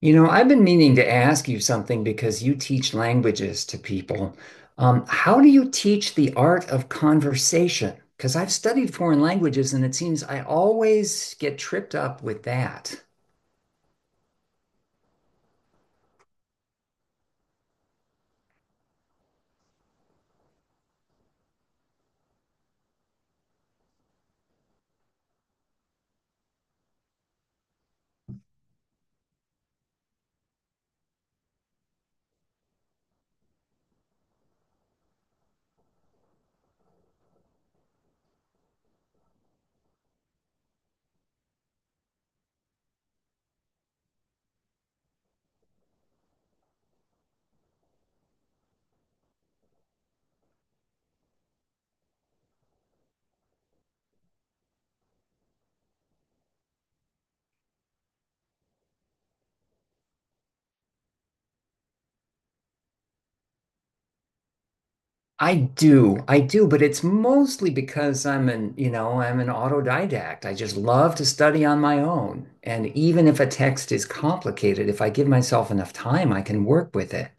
I've been meaning to ask you something because you teach languages to people. How do you teach the art of conversation? Because I've studied foreign languages and it seems I always get tripped up with that. I do, but it's mostly because I'm an autodidact. I just love to study on my own. And even if a text is complicated, if I give myself enough time, I can work with it.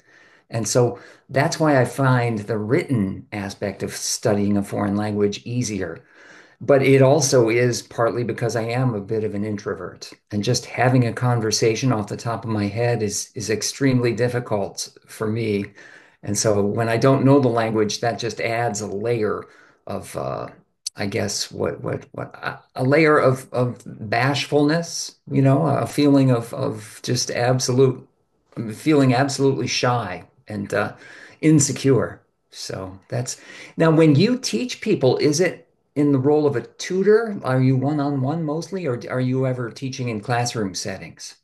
And so that's why I find the written aspect of studying a foreign language easier. But it also is partly because I am a bit of an introvert, and just having a conversation off the top of my head is extremely difficult for me. And so when I don't know the language, that just adds a layer of, I guess, what a layer of bashfulness, a feeling of just absolute, feeling absolutely shy and insecure. So that's— now when you teach people, is it in the role of a tutor? Are you one-on-one mostly, or are you ever teaching in classroom settings?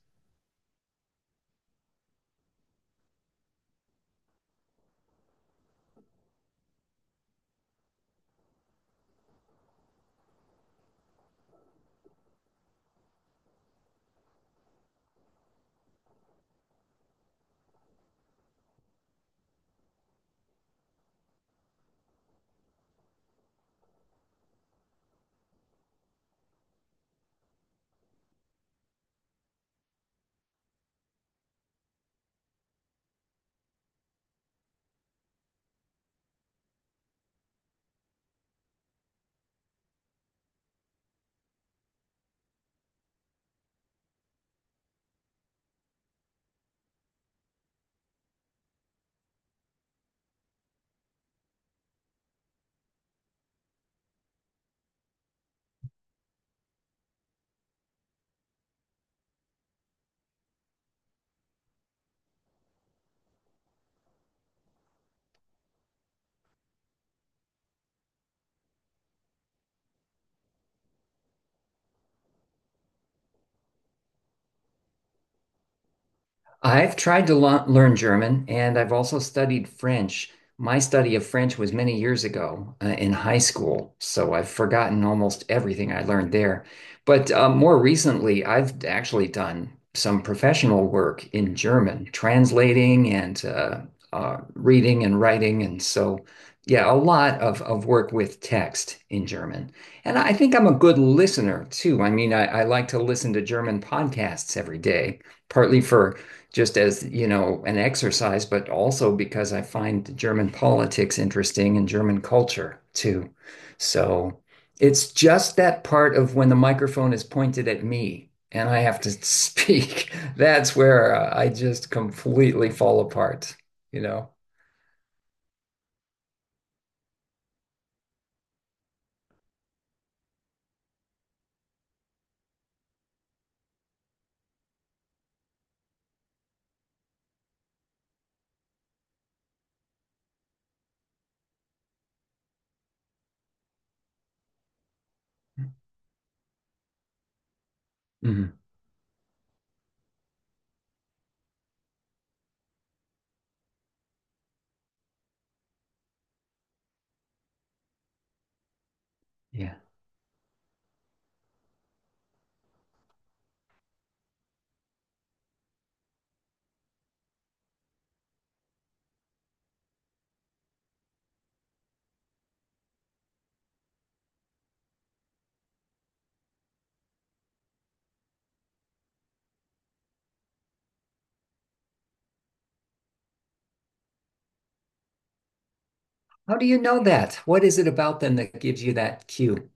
I've tried to learn German and I've also studied French. My study of French was many years ago in high school, so I've forgotten almost everything I learned there. But more recently, I've actually done some professional work in German, translating and reading and writing. And so, yeah, a lot of work with text in German. And I think I'm a good listener too. I mean, I like to listen to German podcasts every day, partly for just as, an exercise, but also because I find German politics interesting and German culture too. So it's just that part of when the microphone is pointed at me and I have to speak. That's where I just completely fall apart, you know? Mhm. Yeah. How do you know that? What is it about them that gives you that cue?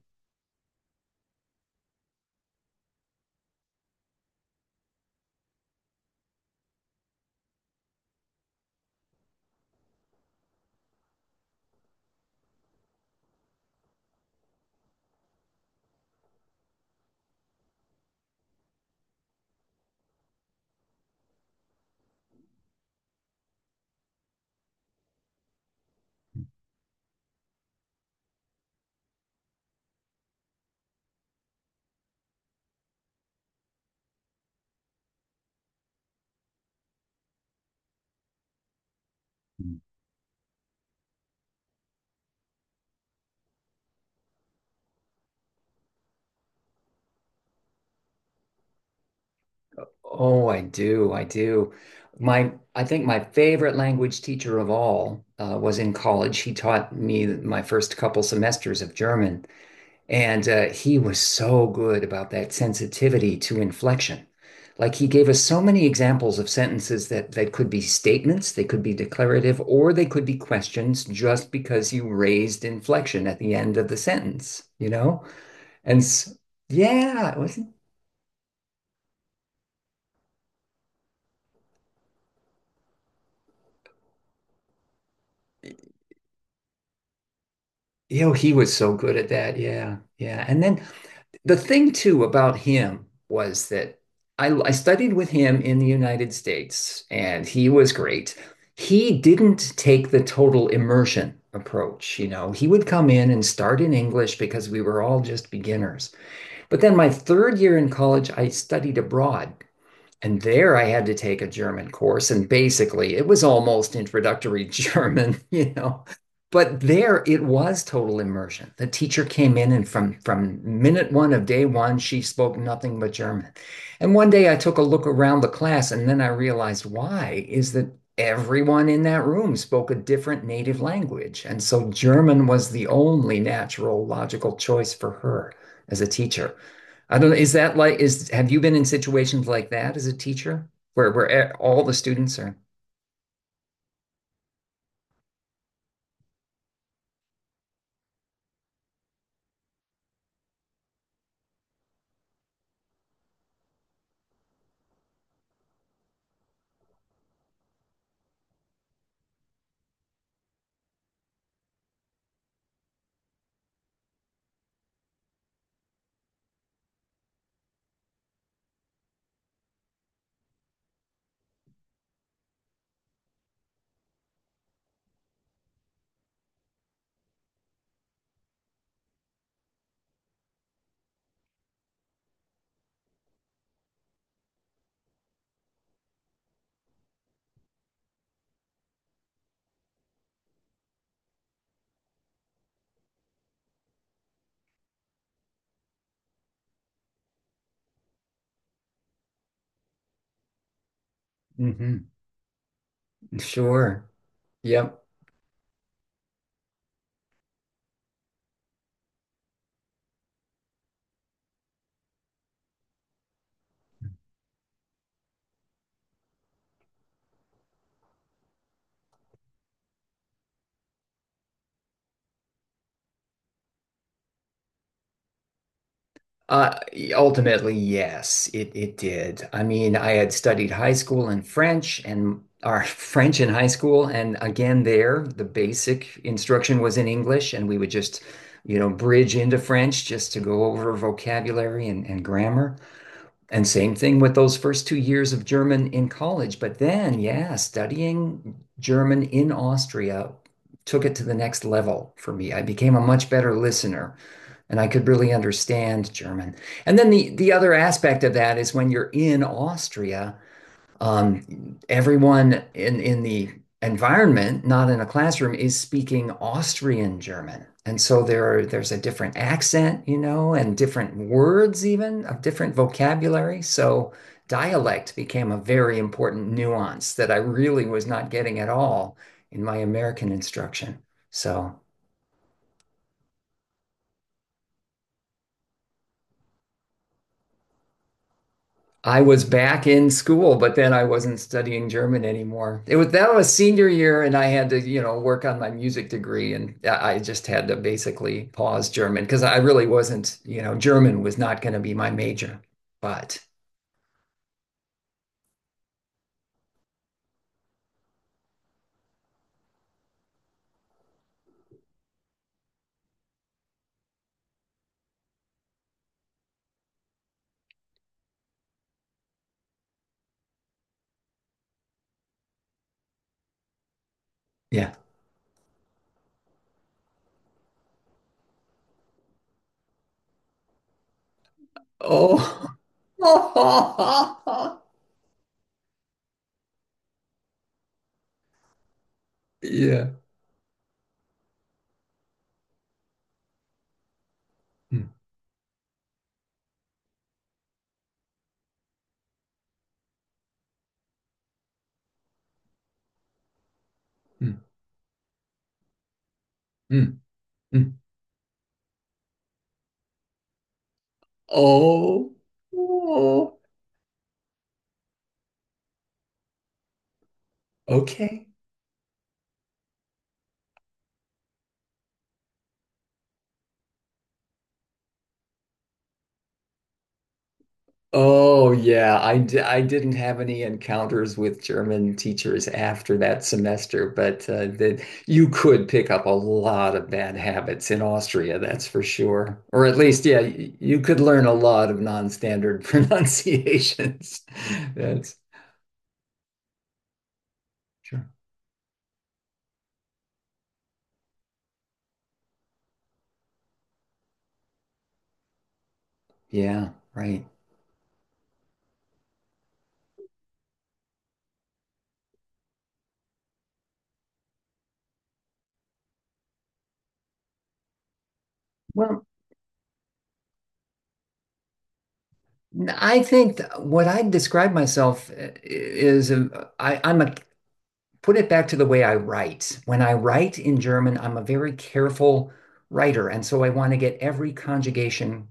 Oh, I do. I do. I think my favorite language teacher of all was in college. He taught me my first couple semesters of German, and he was so good about that sensitivity to inflection. Like he gave us so many examples of sentences that could be statements, they could be declarative, or they could be questions just because you raised inflection at the end of the sentence, you know? And s yeah, wasn't, he was so good at that. Yeah, yeah. And then the thing too about him was that I studied with him in the United States, and he was great. He didn't take the total immersion approach, you know. He would come in and start in English because we were all just beginners. But then my third year in college, I studied abroad. And there I had to take a German course. And basically, it was almost introductory German, you know. But there it was total immersion. The teacher came in, and from minute one of day one, she spoke nothing but German. And one day I took a look around the class, and then I realized why is that everyone in that room spoke a different native language. And so German was the only natural, logical choice for her as a teacher. I don't know. Is that like is have you been in situations like that as a teacher where all the students are? Hmm. Sure. Yep. Uh, ultimately, yes, it did. I mean, I had studied high school in French and our French in high school, and again there, the basic instruction was in English, and we would just, bridge into French just to go over vocabulary and grammar. And same thing with those first 2 years of German in college. But then, yeah, studying German in Austria took it to the next level for me. I became a much better listener and I could really understand German. And then the other aspect of that is when you're in Austria, everyone in the environment, not in a classroom, is speaking Austrian German. And so there's a different accent, and different words even of different vocabulary. So dialect became a very important nuance that I really was not getting at all in my American instruction. So I was back in school, but then I wasn't studying German anymore. It was— that was senior year, and I had to, work on my music degree, and I just had to basically pause German because I really wasn't, German was not going to be my major. But yeah. Oh. Yeah. Mm, mm, mm, mm. Oh. Oh. Okay. Oh yeah, I didn't have any encounters with German teachers after that semester, but that you could pick up a lot of bad habits in Austria, that's for sure. Or at least, yeah, you could learn a lot of non-standard pronunciations. That's sure. Yeah, right. Well, I think what I describe myself is a, I'm a— put it back to the way I write. When I write in German, I'm a very careful writer. And so I want to get every conjugation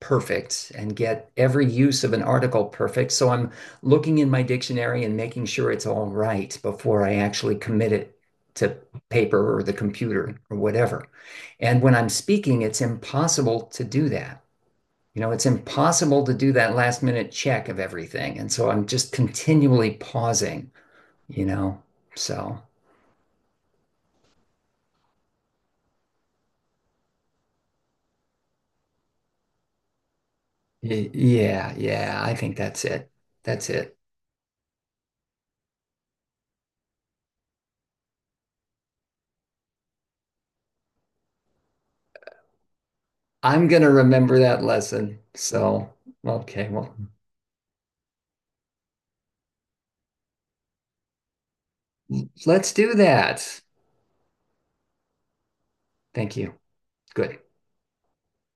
perfect and get every use of an article perfect. So I'm looking in my dictionary and making sure it's all right before I actually commit it to paper or the computer or whatever. And when I'm speaking, it's impossible to do that. It's impossible to do that last minute check of everything. And so I'm just continually pausing, you know. So. Yeah, yeah, I think that's it. That's it. I'm gonna remember that lesson. So, okay, well, let's do that. Thank you. Good.